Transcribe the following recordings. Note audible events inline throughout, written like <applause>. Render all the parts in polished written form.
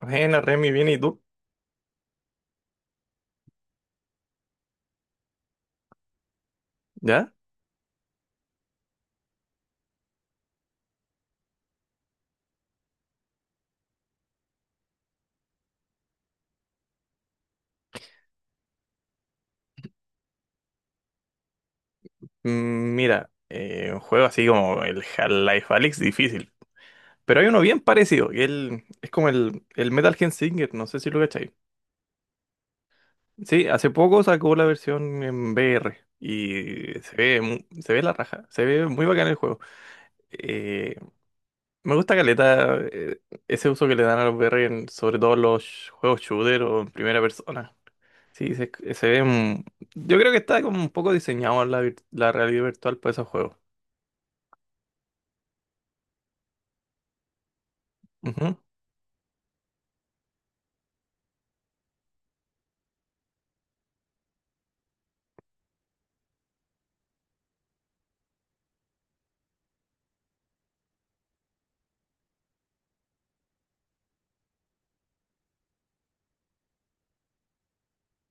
Bueno, Remy, bien, ¿y tú? ¿Ya? Mira, un juego así como el Half-Life Alyx, difícil. Pero hay uno bien parecido, es como el Metal Gear Singer, no sé si lo cacháis. Sí, hace poco sacó la versión en VR y se ve, se ve la raja, se ve muy bacán el juego. Eh, me gusta caleta ese uso que le dan a los VR, sobre todo los juegos shooter o en primera persona. Sí, se ve... yo creo que está como un poco diseñado la realidad virtual para esos juegos. Ujú.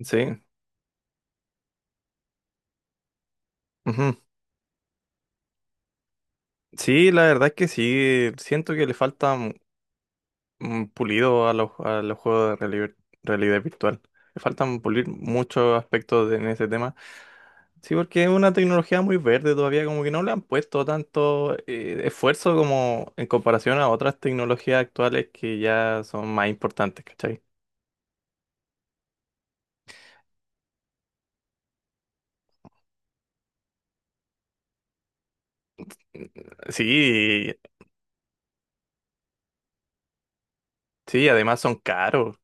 Sí, ujú. Sí, la verdad es que sí, siento que un pulido a a los juegos de realidad virtual. Le faltan pulir muchos aspectos en ese tema. Sí, porque es una tecnología muy verde todavía, como que no le han puesto tanto esfuerzo como en comparación a otras tecnologías actuales que ya son más importantes, ¿cachai? Sí, sí, además son caros,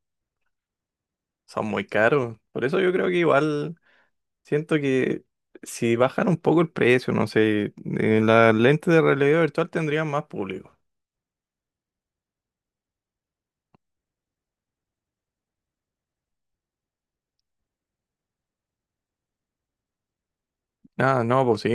son muy caros. Por eso yo creo que igual... Siento que si bajan un poco el precio, no sé, las lentes de realidad virtual tendrían más público. Ah, no, pues sí.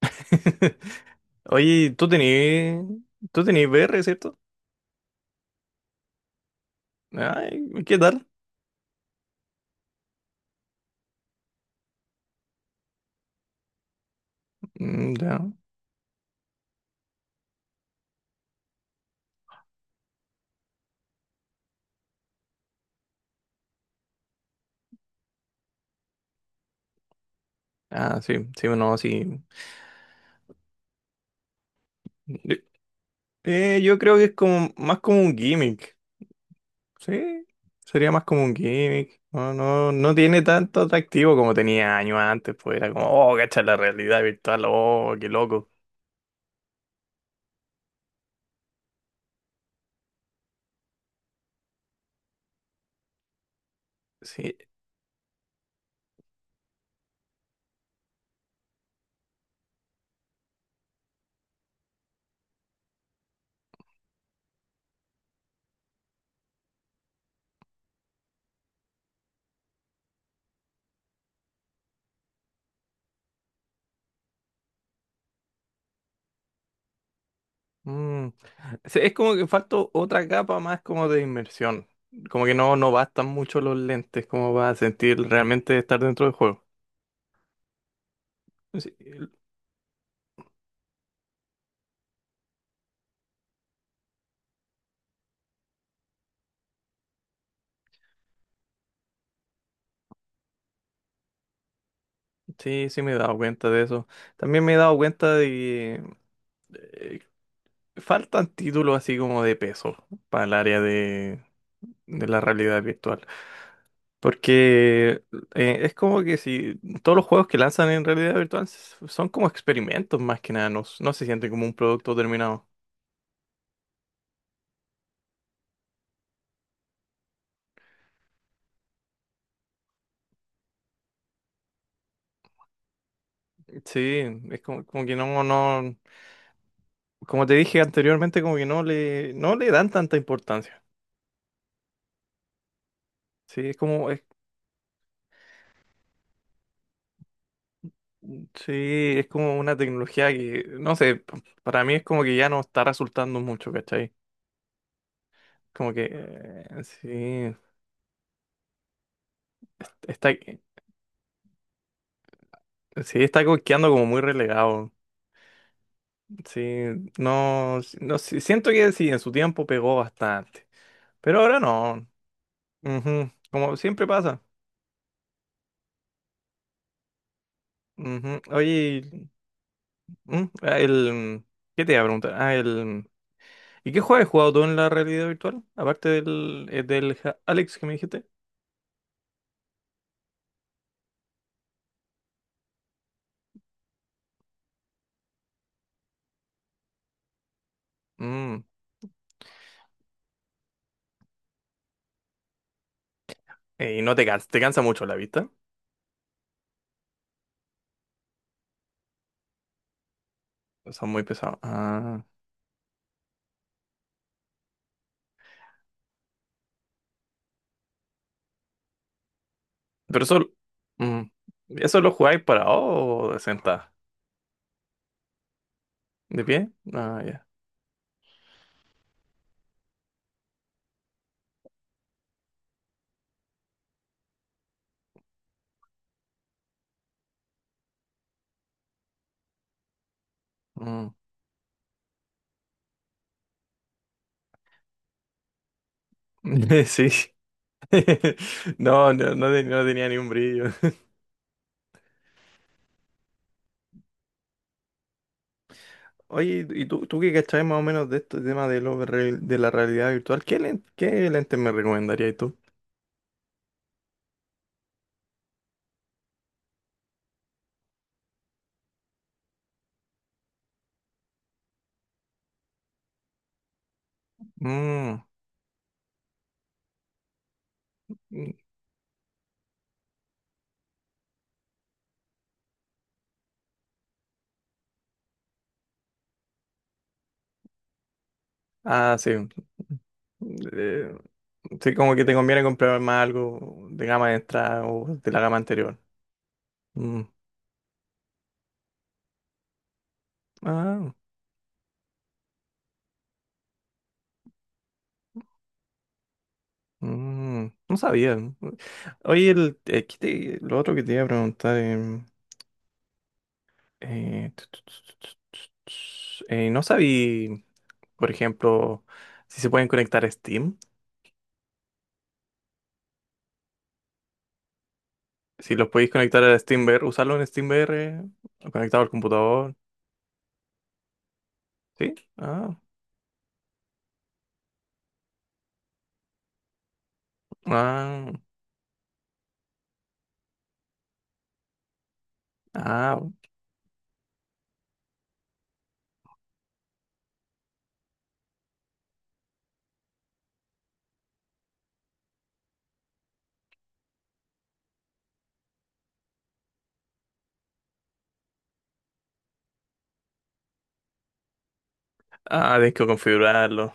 <laughs> Oye, tú tenías VR, ¿cierto? Ay, ¿qué tal? Mm, ya. Ah, sí, sí, no, sí. Yo creo que es como más como un gimmick. Sí, sería más como un gimmick. No, no tiene tanto atractivo como tenía años antes, pues era como, oh, cacha la realidad virtual, oh, qué loco. Sí. Mm. Sí, es como que falta otra capa más como de inmersión. Como que no, no bastan mucho los lentes como para sentir realmente estar dentro del juego. Sí, sí, sí me he dado cuenta de eso. También me he dado cuenta de que eh, faltan títulos así como de peso para el área de la realidad virtual. Porque es como que si todos los juegos que lanzan en realidad virtual son como experimentos más que nada, no, no se siente como un producto terminado. Sí, es como, como que no, como te dije anteriormente, como que no le dan tanta importancia. Sí, es como, es, sí, es como una tecnología que, no sé, para mí es como que ya no está resultando mucho, ¿cachai? Como que, sí, está, sí, quedando como muy relegado. Sí, no, sí, siento que sí, en su tiempo pegó bastante, pero ahora no. Ujú. Como siempre pasa. Ujú. Oye. El, ¿qué te iba a preguntar? Ah, el, ¿y qué juego has jugado tú en la realidad virtual? Aparte del, del Alex que me dijiste. Mm, y no te cansa, te cansa mucho la vista. Son muy pesados. Ah, pero eso, mm, ¿eso lo jugáis parado o de sentado? ¿De pie? Ah, ya. Mm. <laughs> Sí. <laughs> No, no, no, no tenía ni un brillo. <laughs> Oye, ¿y tú qué cachabas más o menos de este tema de, de la realidad virtual? ¿Qué, qué lente me recomendarías tú? Mm. Ah, sí. Mm. Eh, sí, como que te conviene comprar más algo de gama extra o de la gama anterior. Mm. Ah, mm, no sabía. Mm. Oye, el, ¿qué lo otro que te iba a preguntar, em, tu, tu, tu, tu, tu, tu, no sabía, por ejemplo, si se pueden conectar a Steam. Si los podéis conectar a SteamVR, usarlo en SteamVR, o conectado al computador. ¿Sí? Ah, ah, ah, tienes que configurarlo.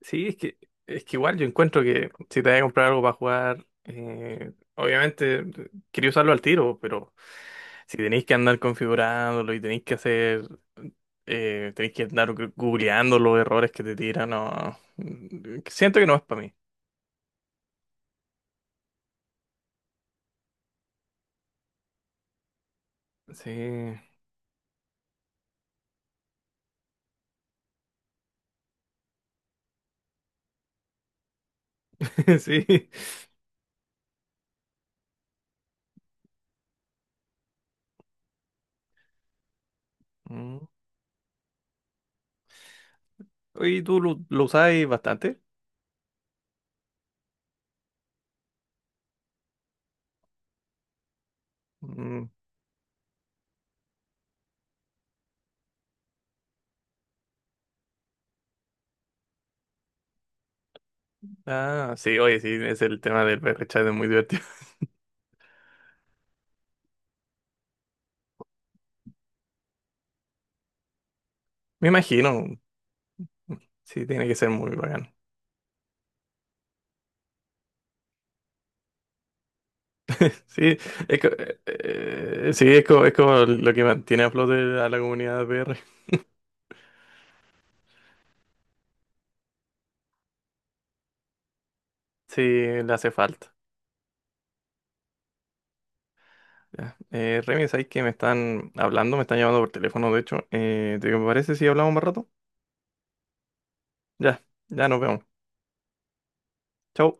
Sí, es que igual yo encuentro que si te vas a comprar algo para jugar, obviamente quería usarlo al tiro, pero si tenéis que andar configurándolo y tenéis que hacer, tenéis que andar googleando los errores que te tiran, no, siento que no es para mí. Sí, <laughs> sí. Mm. Oye, ¿y ¿tú lo usáis bastante? Mm. Ah, sí, oye, sí, es el tema del chat es muy divertido. <laughs> Me imagino, mm, sí, tiene que ser muy bacán. Sí, es, sí, es como lo que mantiene a flote a la comunidad de PR. Sí, le hace falta. Ya. Remy, ¿sabes que me están hablando? Me están llamando por teléfono, de hecho. ¿Te parece si hablamos más rato? Ya, ya nos vemos. Chau.